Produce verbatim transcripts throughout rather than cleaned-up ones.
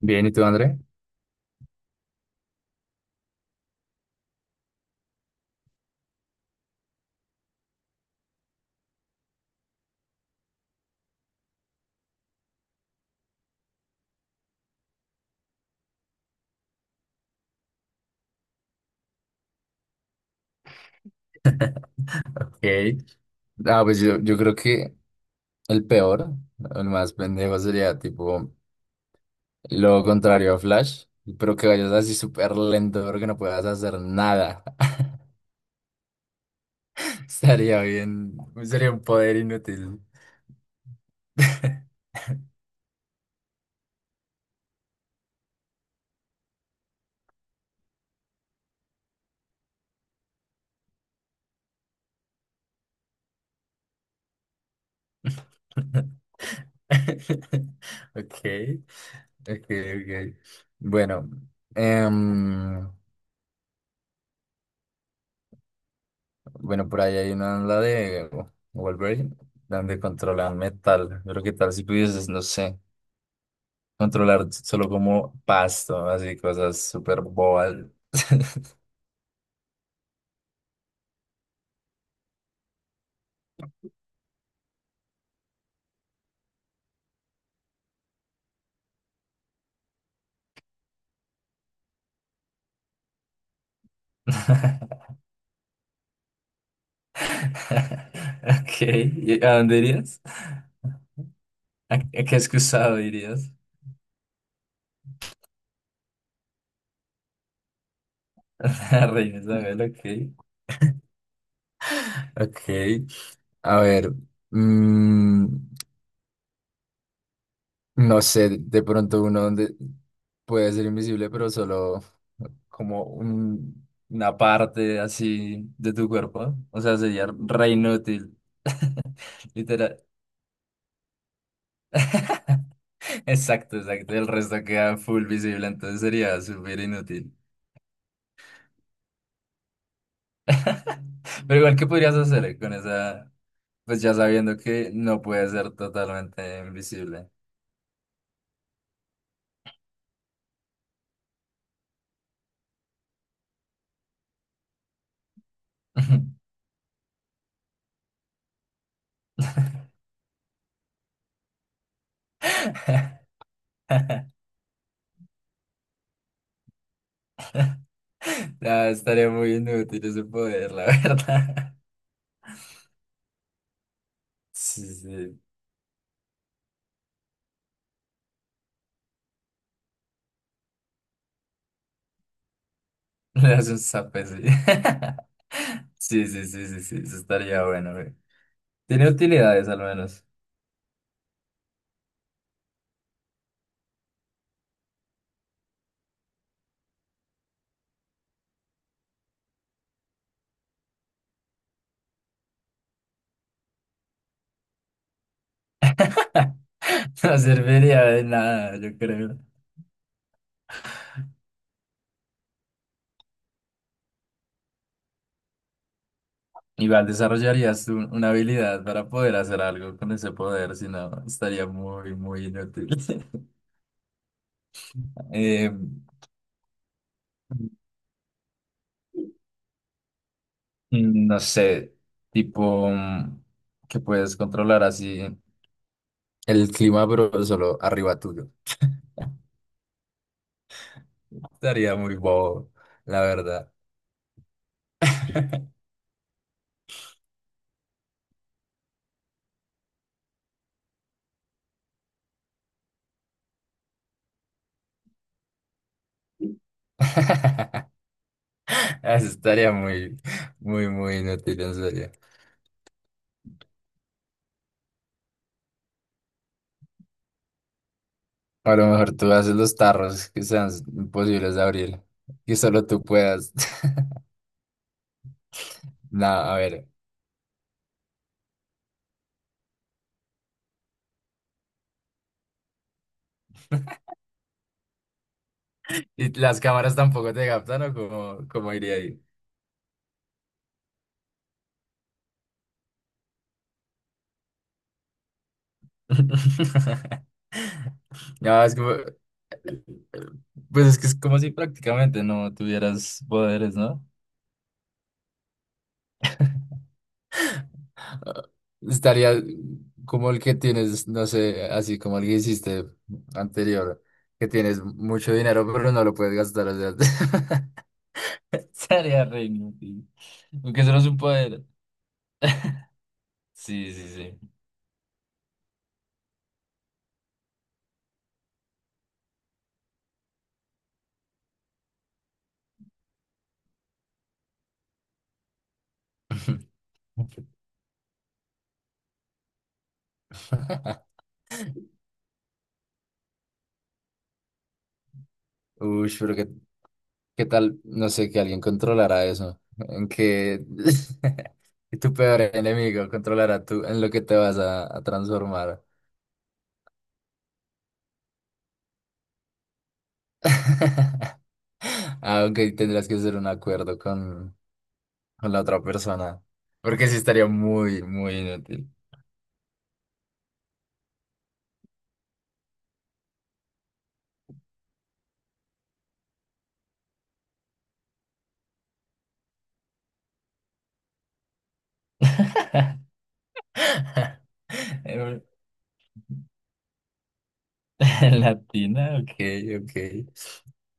Bien, ¿y tú, André? Ok. Ah, pues yo, yo creo que el peor, el más pendejo sería tipo lo contrario a Flash, pero que vayas así súper lento, pero que no puedas hacer nada. Estaría bien, sería un poder inútil. Ok, ok, ok. Bueno, em, bueno, por ahí hay una la de Wolverine, donde controlan metal. Pero qué tal si pudieses, no sé, controlar solo como pasto, así cosas súper bobas. Ok, ¿y a dónde irías? ¿A, a qué excusado irías? A Reina Isabel, ok. Ok, a ver, mm, no sé, de pronto uno donde puede ser invisible, pero solo como un- una parte así de tu cuerpo. O sea, sería re inútil. Literal. Exacto, exacto. El resto queda full visible, entonces sería súper inútil. Pero igual, ¿qué podrías hacer eh, con esa? Pues ya sabiendo que no puede ser totalmente invisible. No, estaría muy inútil ese poder, la verdad. Sí, sí. Le hace un zape, sí. Sí, sí, sí, sí, sí, eso estaría bueno, güey. Tiene utilidades al menos. No serviría de nada, yo creo. Igual desarrollarías tú una habilidad para poder hacer algo con ese poder, si no, estaría muy, muy inútil. Eh, no sé, tipo mm, que puedes controlar así el clima, pero solo arriba tuyo. Estaría muy bobo, la verdad. Eso estaría muy, muy, muy inútil, en serio. O a lo mejor tú haces los tarros que sean imposibles de abrir, que solo tú puedas. No, a ver. ¿Y las cámaras tampoco te captan o cómo, cómo iría ahí? No, es como... pues es que es como si prácticamente no tuvieras poderes, no. Estaría como el que tienes, no sé, así como el que hiciste anterior, que tienes mucho dinero, pero no lo puedes gastar. O sea, estaría re inútil. Aunque eso no es un poder. Sí, sí, sí. Uy, pero qué, qué tal, no sé, que alguien controlara eso. En que tu peor enemigo controlara tú en lo que te vas a, a transformar. Ah, ok, tendrás que hacer un acuerdo con, con la otra persona. Porque sí estaría muy, muy inútil. En- latina, ok, ok.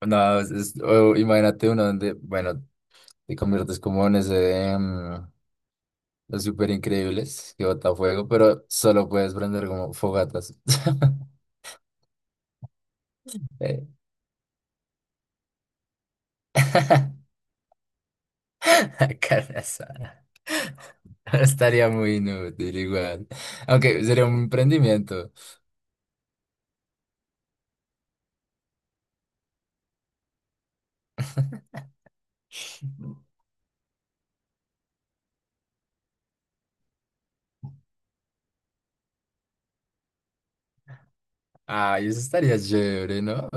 No, es- es- o imagínate uno donde, bueno, te conviertes como en ese de mm, los super increíbles que bota fuego, pero solo puedes prender como fogatas. Carne asada. Estaría muy inútil igual. Aunque sería un emprendimiento. Ay, eso estaría chévere, ¿no?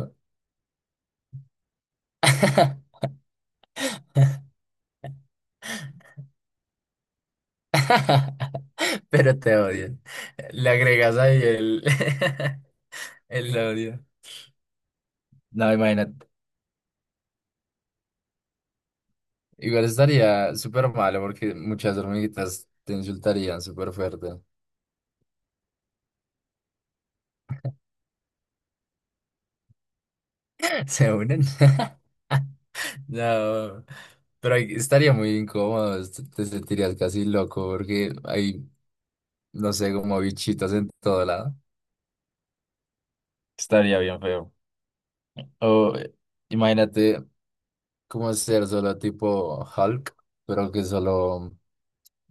Pero te odian. Le agregas ahí el, el odio. No, imagínate. Igual estaría súper malo porque muchas hormiguitas te insultarían súper fuerte. ¿Se unen? No, pero ahí estaría muy incómodo, est- te sentirías casi loco porque hay, no sé, como bichitos en todo lado. Estaría bien feo. O eh, imagínate como ser solo tipo Hulk, pero que solo,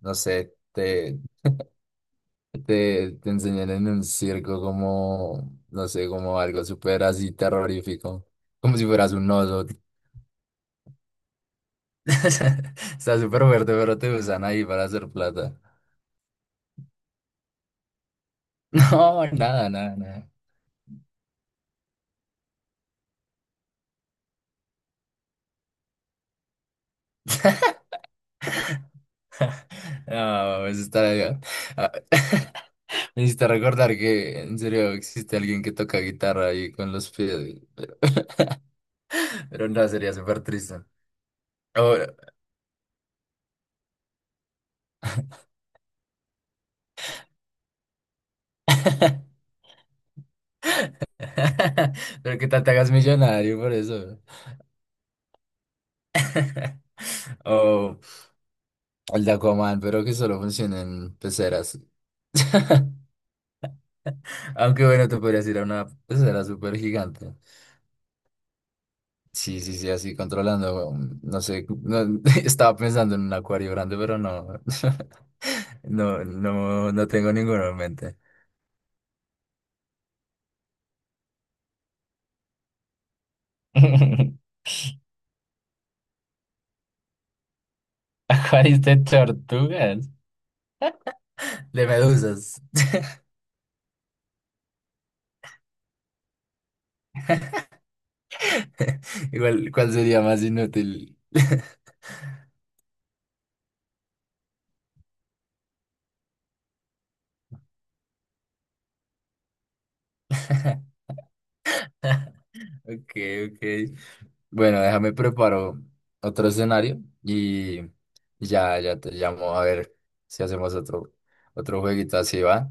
no sé, te, te, te enseñan en un circo como, no sé, como algo súper así terrorífico, como si fueras un oso. Está súper fuerte, pero te usan ahí para hacer plata. No, nada, nada, nada. No, pues está... ah, me hiciste recordar que en serio existe alguien que toca guitarra ahí con los pies, güey, pero, pero no, sería súper triste. Ahora- pero que tal te hagas millonario por eso. O el de Aquaman, pero que solo funciona en peceras. Aunque bueno, te podrías ir a una pecera súper gigante. Sí, sí, sí, así controlando, um, no sé, no- estaba pensando en un acuario grande, pero no, no, no, no tengo ninguno en mente. Acuarios de tortugas. De medusas. Igual, ¿cuál sería más inútil? Ok, ok. Bueno, déjame preparo otro escenario y ya, ya te llamo a ver si hacemos otro, otro jueguito así, ¿va?